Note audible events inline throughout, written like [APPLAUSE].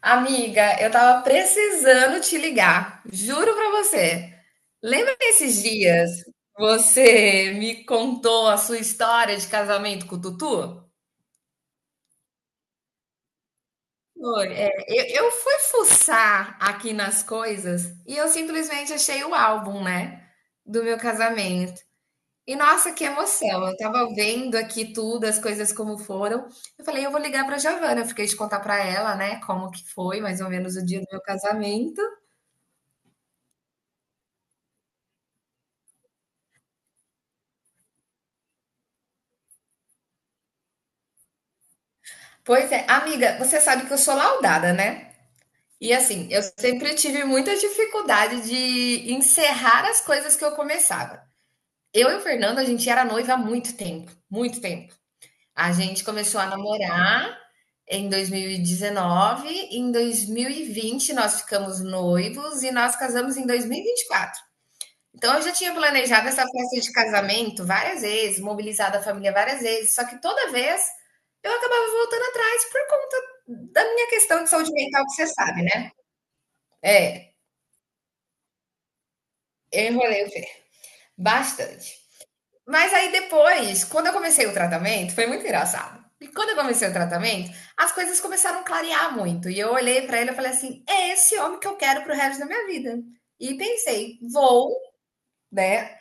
Amiga, eu tava precisando te ligar, juro pra você. Lembra desses dias você me contou a sua história de casamento com o Tutu? Foi, é, eu fui fuçar aqui nas coisas e eu simplesmente achei o álbum, né, do meu casamento. E nossa, que emoção! Eu tava vendo aqui tudo, as coisas como foram. Eu falei, eu vou ligar pra Giovana, eu fiquei de contar pra ela, né, como que foi mais ou menos o dia do meu casamento. Pois é, amiga, você sabe que eu sou laudada, né? E assim, eu sempre tive muita dificuldade de encerrar as coisas que eu começava. Eu e o Fernando, a gente era noiva há muito tempo, muito tempo. A gente começou a namorar em 2019, em 2020 nós ficamos noivos e nós casamos em dois mil e vinte e quatro. Então, eu já tinha planejado essa festa de casamento várias vezes, mobilizado a família várias vezes, só que toda vez eu acabava voltando atrás por conta da minha questão de saúde mental, que você sabe, né? É, eu enrolei o pé bastante. Mas aí depois, quando eu comecei o tratamento, foi muito engraçado. E quando eu comecei o tratamento, as coisas começaram a clarear muito. E eu olhei para ele e falei assim: é esse homem que eu quero pro resto da minha vida. E pensei, vou, né,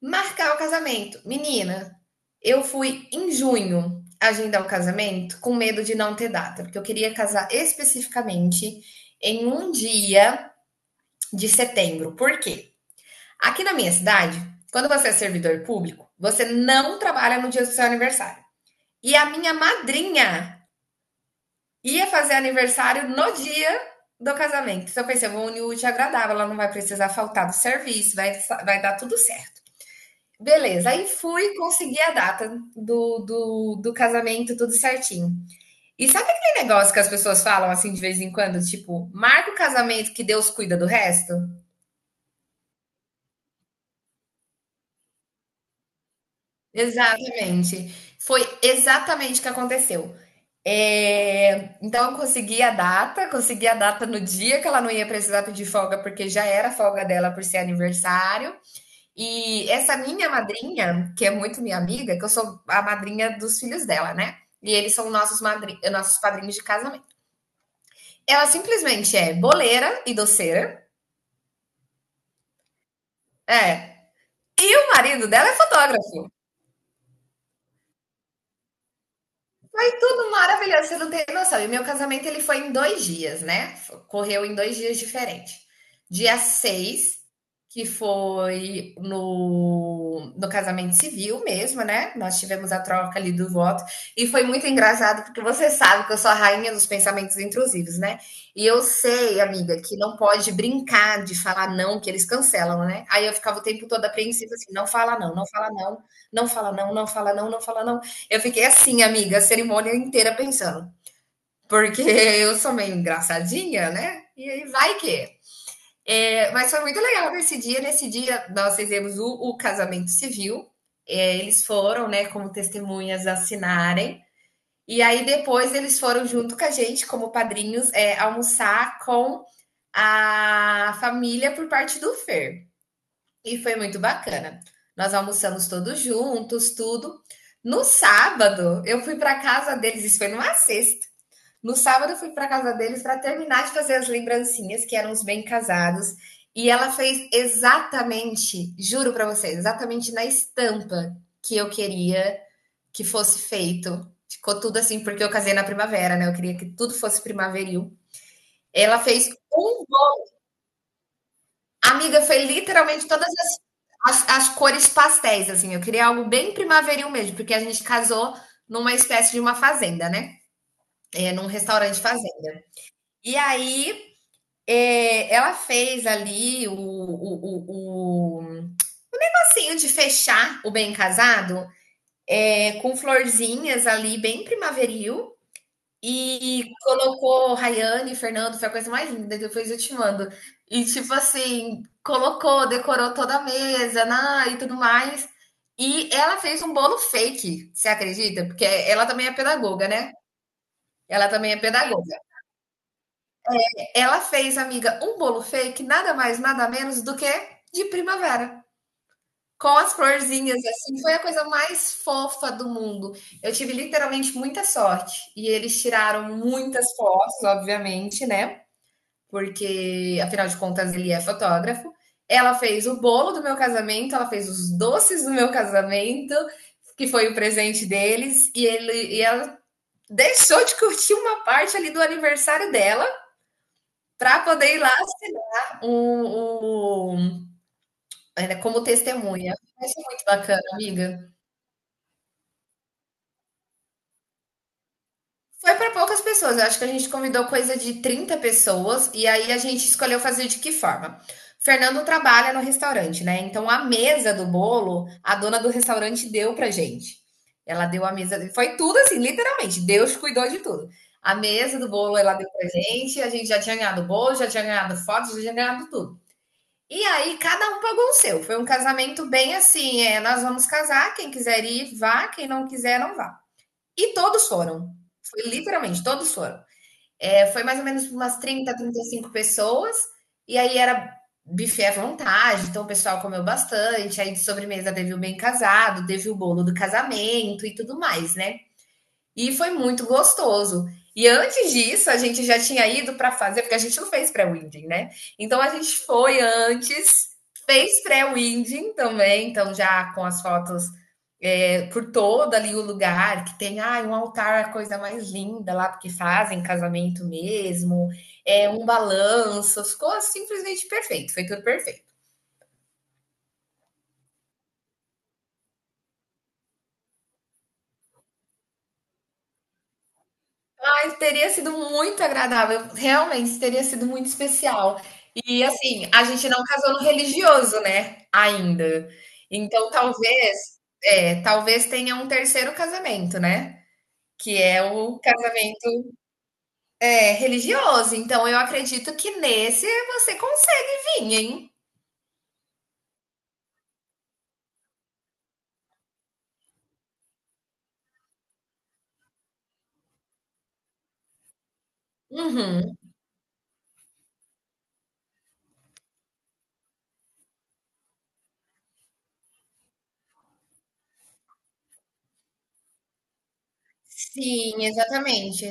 marcar o casamento. Menina, eu fui em junho agendar o casamento com medo de não ter data, porque eu queria casar especificamente em um dia de setembro. Por quê? Aqui na minha cidade, quando você é servidor público, você não trabalha no dia do seu aniversário. E a minha madrinha ia fazer aniversário no dia do casamento. Então eu pensei, eu vou unir o útil ao agradável, ela não vai precisar faltar do serviço, vai, vai dar tudo certo. Beleza, aí fui conseguir a data do casamento, tudo certinho. E sabe aquele negócio que as pessoas falam assim de vez em quando? Tipo, marca o casamento que Deus cuida do resto? Exatamente. Foi exatamente o que aconteceu. É, então, eu consegui a data no dia que ela não ia precisar pedir folga, porque já era folga dela por ser aniversário. E essa minha madrinha, que é muito minha amiga, que eu sou a madrinha dos filhos dela, né? E eles são nossos, nossos padrinhos de casamento. Ela simplesmente é boleira e doceira. É. O marido dela é fotógrafo. Foi tudo maravilhoso, você não tem noção. E o meu casamento ele foi em 2 dias, né? Correu em 2 dias diferentes. Dia 6 que foi no, no casamento civil mesmo, né? Nós tivemos a troca ali do voto. E foi muito engraçado, porque você sabe que eu sou a rainha dos pensamentos intrusivos, né? E eu sei, amiga, que não pode brincar de falar não, que eles cancelam, né? Aí eu ficava o tempo todo apreensiva assim: não fala não, não fala não, não fala não, não fala não, não fala não. Eu fiquei assim, amiga, a cerimônia inteira pensando. Porque [LAUGHS] eu sou meio engraçadinha, né? E aí vai que. É, mas foi muito legal nesse dia. Nesse dia, nós fizemos o casamento civil. É, eles foram, né, como testemunhas assinarem. E aí depois eles foram junto com a gente, como padrinhos, é, almoçar com a família por parte do Fer. E foi muito bacana. Nós almoçamos todos juntos, tudo. No sábado, eu fui para casa deles, isso foi numa sexta. No sábado, eu fui para casa deles para terminar de fazer as lembrancinhas, que eram os bem casados. E ela fez exatamente, juro para vocês, exatamente na estampa que eu queria que fosse feito. Ficou tudo assim, porque eu casei na primavera, né? Eu queria que tudo fosse primaveril. Ela fez um... Amiga, foi literalmente todas as cores pastéis, assim. Eu queria algo bem primaveril mesmo, porque a gente casou numa espécie de uma fazenda, né? É, num restaurante fazenda. E aí, é, ela fez ali o passinho de fechar o bem casado, é, com florzinhas ali, bem primaveril. E colocou Rayane e Fernando, foi a coisa mais linda, depois eu te mando. E tipo assim, colocou, decorou toda a mesa, na, e tudo mais. E ela fez um bolo fake, você acredita? Porque ela também é pedagoga, né? Ela também é pedagoga. Ela fez, amiga, um bolo fake, nada mais, nada menos do que de primavera. Com as florzinhas, assim, foi a coisa mais fofa do mundo. Eu tive literalmente muita sorte. E eles tiraram muitas fotos, obviamente, né? Porque afinal de contas ele é fotógrafo. Ela fez o bolo do meu casamento, ela fez os doces do meu casamento, que foi o presente deles, e ele e ela deixou de curtir uma parte ali do aniversário dela para poder ir lá assinar um como testemunha. Isso é muito bacana, amiga. Foi para poucas pessoas. Eu acho que a gente convidou coisa de 30 pessoas e aí a gente escolheu fazer de que forma? Fernando trabalha no restaurante, né? Então a mesa do bolo, a dona do restaurante deu pra gente. Ela deu a mesa, foi tudo assim, literalmente. Deus cuidou de tudo. A mesa do bolo ela deu pra gente, a gente já tinha ganhado bolo, já tinha ganhado fotos, já tinha ganhado tudo. E aí cada um pagou o seu. Foi um casamento bem assim, é, nós vamos casar, quem quiser ir, vá, quem não quiser, não vá. E todos foram. Foi literalmente, todos foram. É, foi mais ou menos umas 30, 35 pessoas, e aí era buffet à vontade, então o pessoal comeu bastante, aí de sobremesa teve o bem casado, teve o bolo do casamento e tudo mais, né? E foi muito gostoso. E antes disso, a gente já tinha ido para fazer, porque a gente não fez pré-winding, né? Então a gente foi antes, fez pré-winding também, então já com as fotos, é, por todo ali o lugar, que tem, ah, um altar, a coisa mais linda lá, porque fazem casamento mesmo, é um balanço, ficou simplesmente perfeito, foi tudo perfeito. Mas teria sido muito agradável, realmente teria sido muito especial. E assim, a gente não casou no religioso, né? Ainda. Então talvez, é, talvez tenha um terceiro casamento, né? Que é o casamento, é, religioso. Então eu acredito que nesse você consegue vir, hein? Uhum. Sim, exatamente.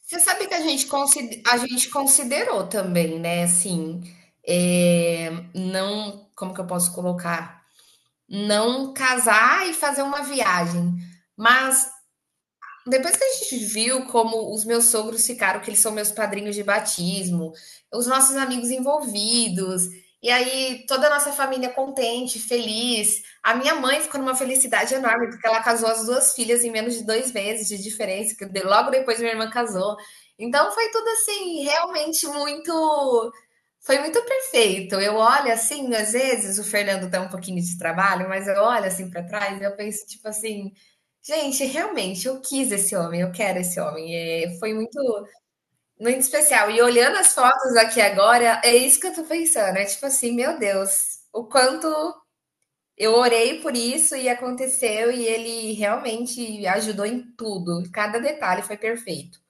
Você sabe que a gente, a gente considerou também, né? Assim, é, não. Como que eu posso colocar? Não casar e fazer uma viagem. Mas depois que a gente viu como os meus sogros ficaram, que eles são meus padrinhos de batismo, os nossos amigos envolvidos, e aí toda a nossa família contente, feliz. A minha mãe ficou numa felicidade enorme, porque ela casou as duas filhas em menos de 2 meses de diferença, que logo depois minha irmã casou. Então foi tudo assim, realmente muito. Foi muito perfeito. Eu olho assim, às vezes o Fernando dá um pouquinho de trabalho, mas eu olho assim para trás e eu penso, tipo assim, gente, realmente, eu quis esse homem, eu quero esse homem. É, foi muito, muito especial. E olhando as fotos aqui agora, é isso que eu tô pensando. É tipo assim, meu Deus, o quanto eu orei por isso e aconteceu, e ele realmente ajudou em tudo. Cada detalhe foi perfeito.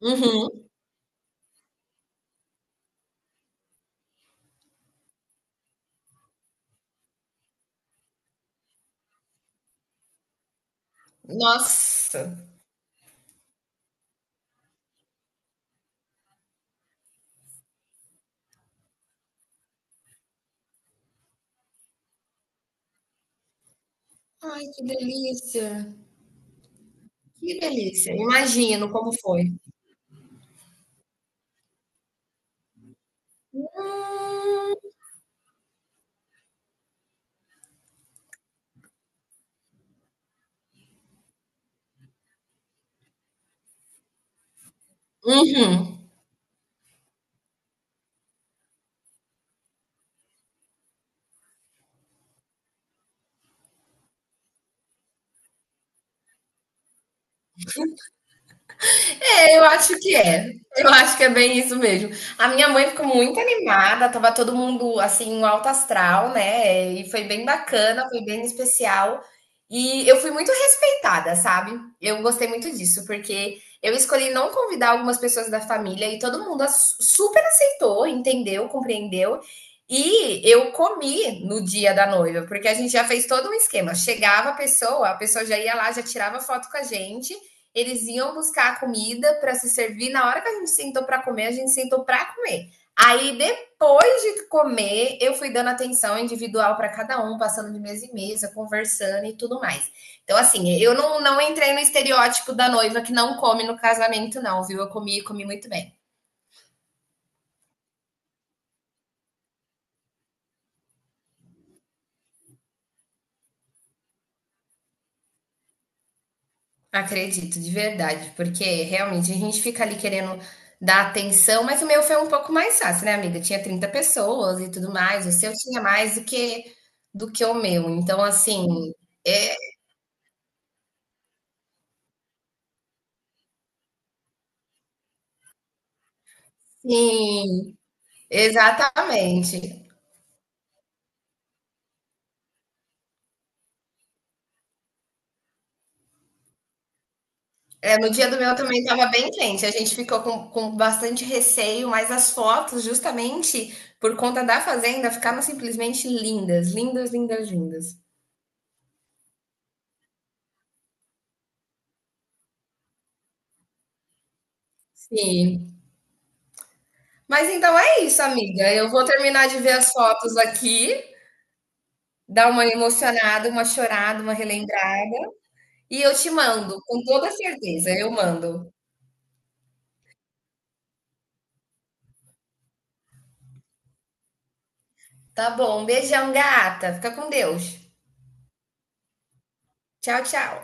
Uhum. Nossa! Ai, que delícia! Que delícia! Imagino como foi. Uhum. É, eu acho que é. Eu acho que é bem isso mesmo. A minha mãe ficou muito animada, tava todo mundo assim, um alto astral, né? E foi bem bacana, foi bem especial. E eu fui muito respeitada, sabe? Eu gostei muito disso, porque eu escolhi não convidar algumas pessoas da família e todo mundo super aceitou, entendeu, compreendeu. E eu comi no dia da noiva, porque a gente já fez todo um esquema. Chegava a pessoa já ia lá, já tirava foto com a gente, eles iam buscar a comida para se servir. Na hora que a gente sentou para comer, a gente sentou para comer. Aí, depois de comer, eu fui dando atenção individual para cada um, passando de mesa em mesa, conversando e tudo mais. Então, assim, eu não, não entrei no estereótipo da noiva que não come no casamento, não, viu? Eu comi e comi muito bem. Acredito, de verdade, porque realmente a gente fica ali querendo dar atenção, mas o meu foi um pouco mais fácil, né, amiga? Tinha 30 pessoas e tudo mais, o seu tinha mais do que o meu. Então, assim, é, sim, exatamente. É, no dia do meu também estava bem quente, a gente ficou com bastante receio, mas as fotos, justamente por conta da fazenda, ficaram simplesmente lindas, lindas, lindas, lindas. Sim, mas então é isso, amiga. Eu vou terminar de ver as fotos aqui, dar uma emocionada, uma chorada, uma relembrada. E eu te mando, com toda certeza, eu mando. Tá bom, um beijão, gata. Fica com Deus. Tchau, tchau.